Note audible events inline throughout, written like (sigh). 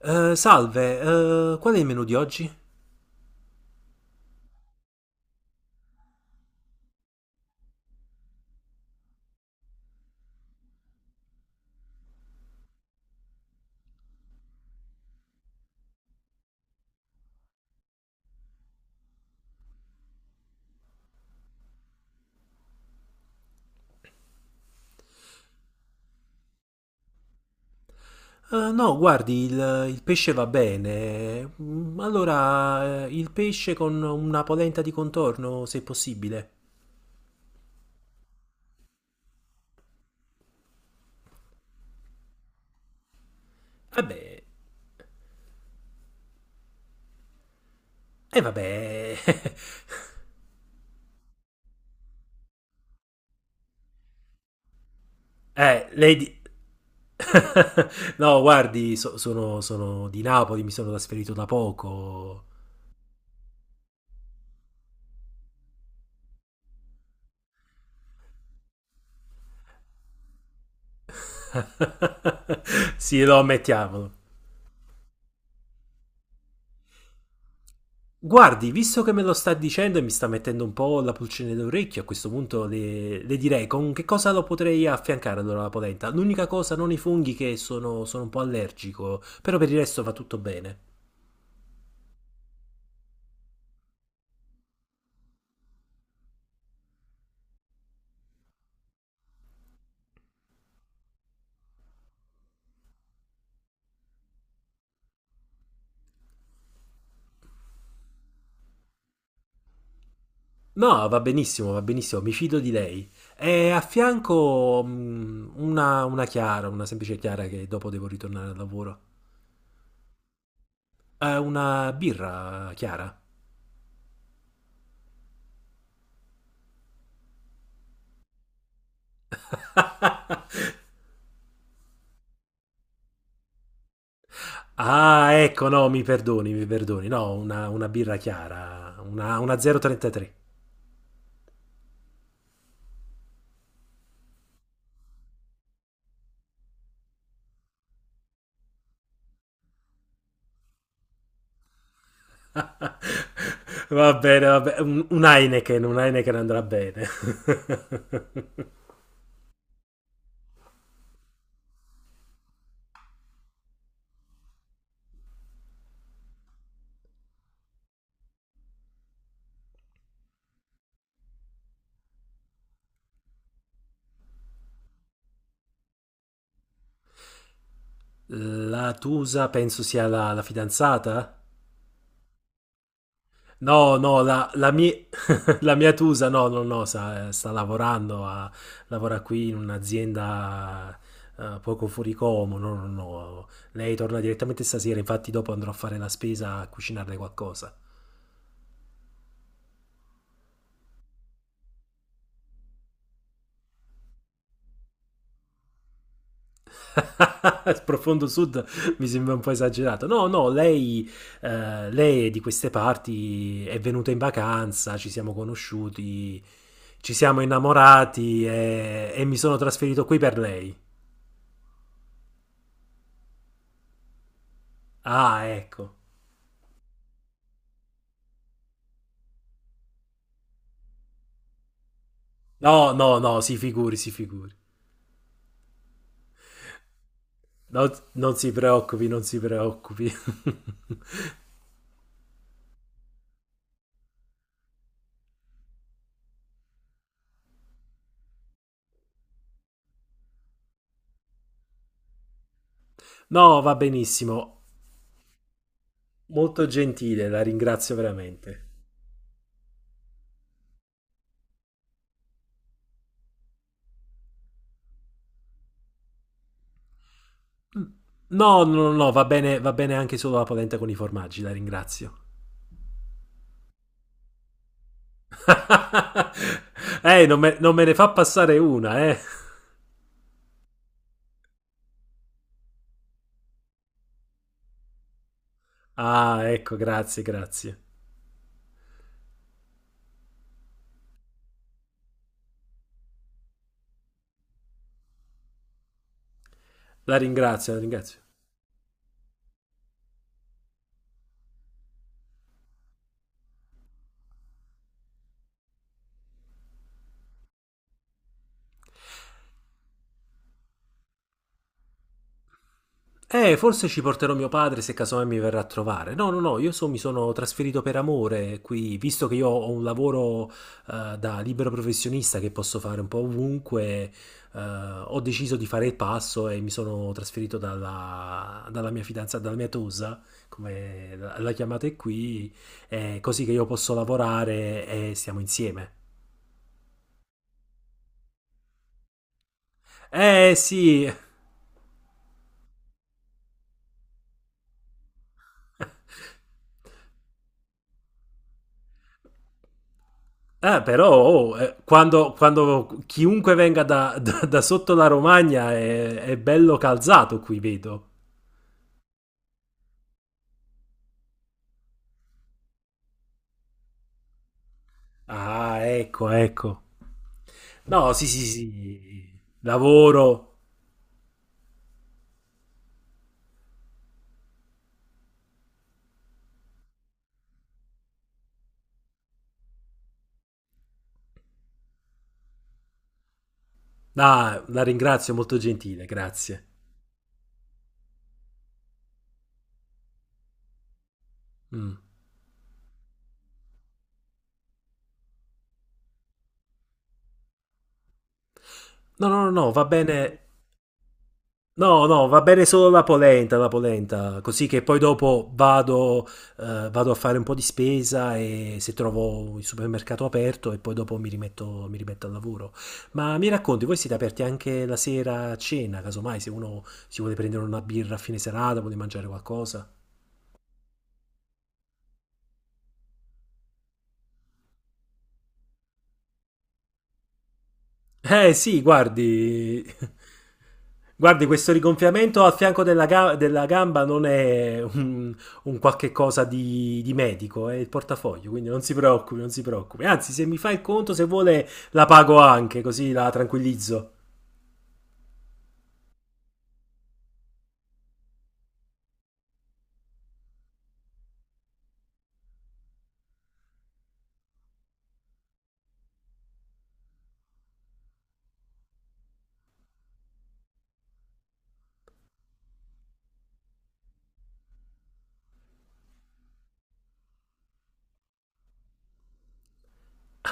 Salve, qual è il menù di oggi? No, guardi, il pesce va bene. Mm, allora, il pesce con una polenta di contorno, se possibile. Vabbè, e vabbè. (laughs) Lei di... No, guardi, sono di Napoli, mi sono trasferito da poco. (laughs) Sì, lo ammettiamolo. Guardi, visto che me lo sta dicendo e mi sta mettendo un po' la pulcine d'orecchio, a questo punto le direi con che cosa lo potrei affiancare allora la polenta. L'unica cosa, non i funghi che sono un po' allergico, però per il resto va tutto bene. No, va benissimo, mi fido di lei. E a fianco una chiara, una semplice chiara che dopo devo ritornare al lavoro. Una birra chiara. (laughs) Ah, ecco, no, mi perdoni, mi perdoni. No, una birra chiara, una 0,33. (laughs) Va bene, va bene. Un Heineken andrà bene. (laughs) La Tusa penso sia la fidanzata? No, no, la mi- (laughs) la mia Tusa, no, no, no, sta lavorando, a- lavora qui in un'azienda poco fuori Como, no, no, no. Lei torna direttamente stasera, infatti dopo andrò a fare la spesa a cucinarle qualcosa. (laughs) Profondo Sud mi sembra un po' esagerato. No, no, lei, lei è di queste parti, è venuta in vacanza, ci siamo conosciuti, ci siamo innamorati e mi sono trasferito qui per lei. Ah, ecco. No, no, no, si figuri, si figuri. No, non si preoccupi, non si preoccupi. (laughs) No, va benissimo. Molto gentile, la ringrazio veramente. No, no, no, no, va bene anche solo la polenta con i formaggi, la ringrazio. (laughs) Non me ne fa passare una, eh. Ah, ecco, grazie, grazie. La ringrazio, la ringrazio. Forse ci porterò mio padre se casomai mi verrà a trovare. No, no, no, io so- mi sono trasferito per amore qui, visto che io ho un lavoro da libero professionista che posso fare un po' ovunque, ho deciso di fare il passo e mi sono trasferito dalla mia fidanzata, dalla mia tosa, come la chiamate qui, così che io posso lavorare e stiamo insieme. Eh sì, (laughs) però oh, quando chiunque venga da- da sotto la Romagna è bello calzato qui, vedo. Ah, ecco, ecco. No, sì, sì, sì. Lavoro. Ah, la ringrazio, molto gentile, grazie. Mm. No, no, no, no, va bene. No, no, va bene solo la polenta, così che poi dopo vado, vado a fare un po' di spesa e se trovo il supermercato aperto e poi dopo mi rimetto al lavoro. Ma mi racconti, voi siete aperti anche la sera a cena, casomai se uno si vuole prendere una birra a fine serata, vuole mangiare qualcosa? Eh sì, guardi, (laughs) guardi questo rigonfiamento al fianco della, ga- della gamba non è un qualche cosa di medico, è il portafoglio, quindi non si preoccupi, non si preoccupi. Anzi, se mi fa il conto, se vuole, la pago anche, così la tranquillizzo.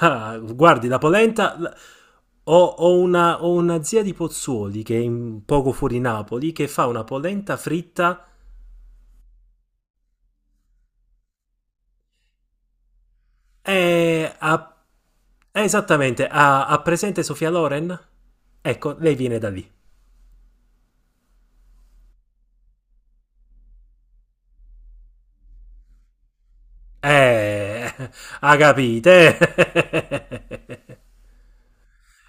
Ah, guardi, la polenta... la- ho una zia di Pozzuoli che è in- poco fuori Napoli che fa una polenta fritta. E ha- Esattamente, ha presente Sofia Loren? Ecco, lei viene da lì. Eh, ha capite? (laughs)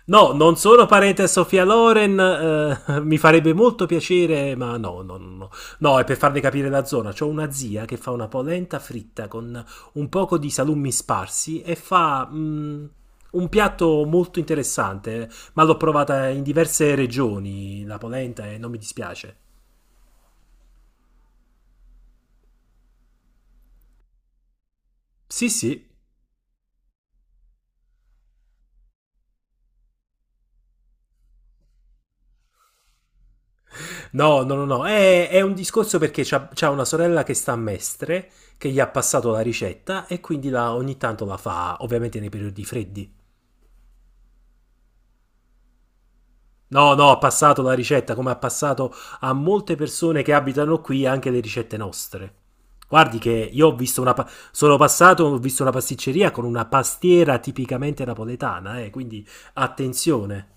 No, non sono parente a Sofia Loren, mi farebbe molto piacere, ma no, no, no, no. No, è per farle capire la zona. C'ho una zia che fa una polenta fritta con un poco di salumi sparsi e fa un piatto molto interessante, ma l'ho provata in diverse regioni, la polenta, e non mi dispiace. Sì, sì. No, no, no, no. È un discorso perché c'ha una sorella che sta a Mestre, che gli ha passato la ricetta e quindi la- ogni tanto la fa, ovviamente nei periodi freddi. No, no, ha passato la ricetta, come ha passato a molte persone che abitano qui anche le ricette nostre. Guardi che io ho visto una... pa- sono passato, ho visto una pasticceria con una pastiera tipicamente napoletana, quindi attenzione.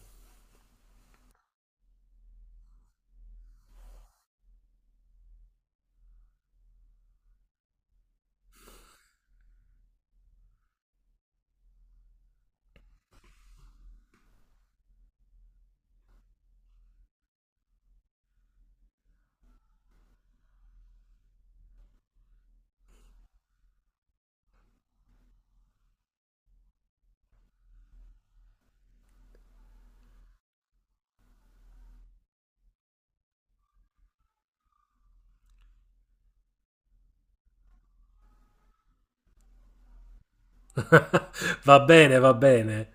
(laughs) Va bene, va bene.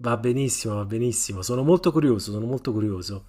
Va benissimo, va benissimo. Sono molto curioso, sono molto curioso.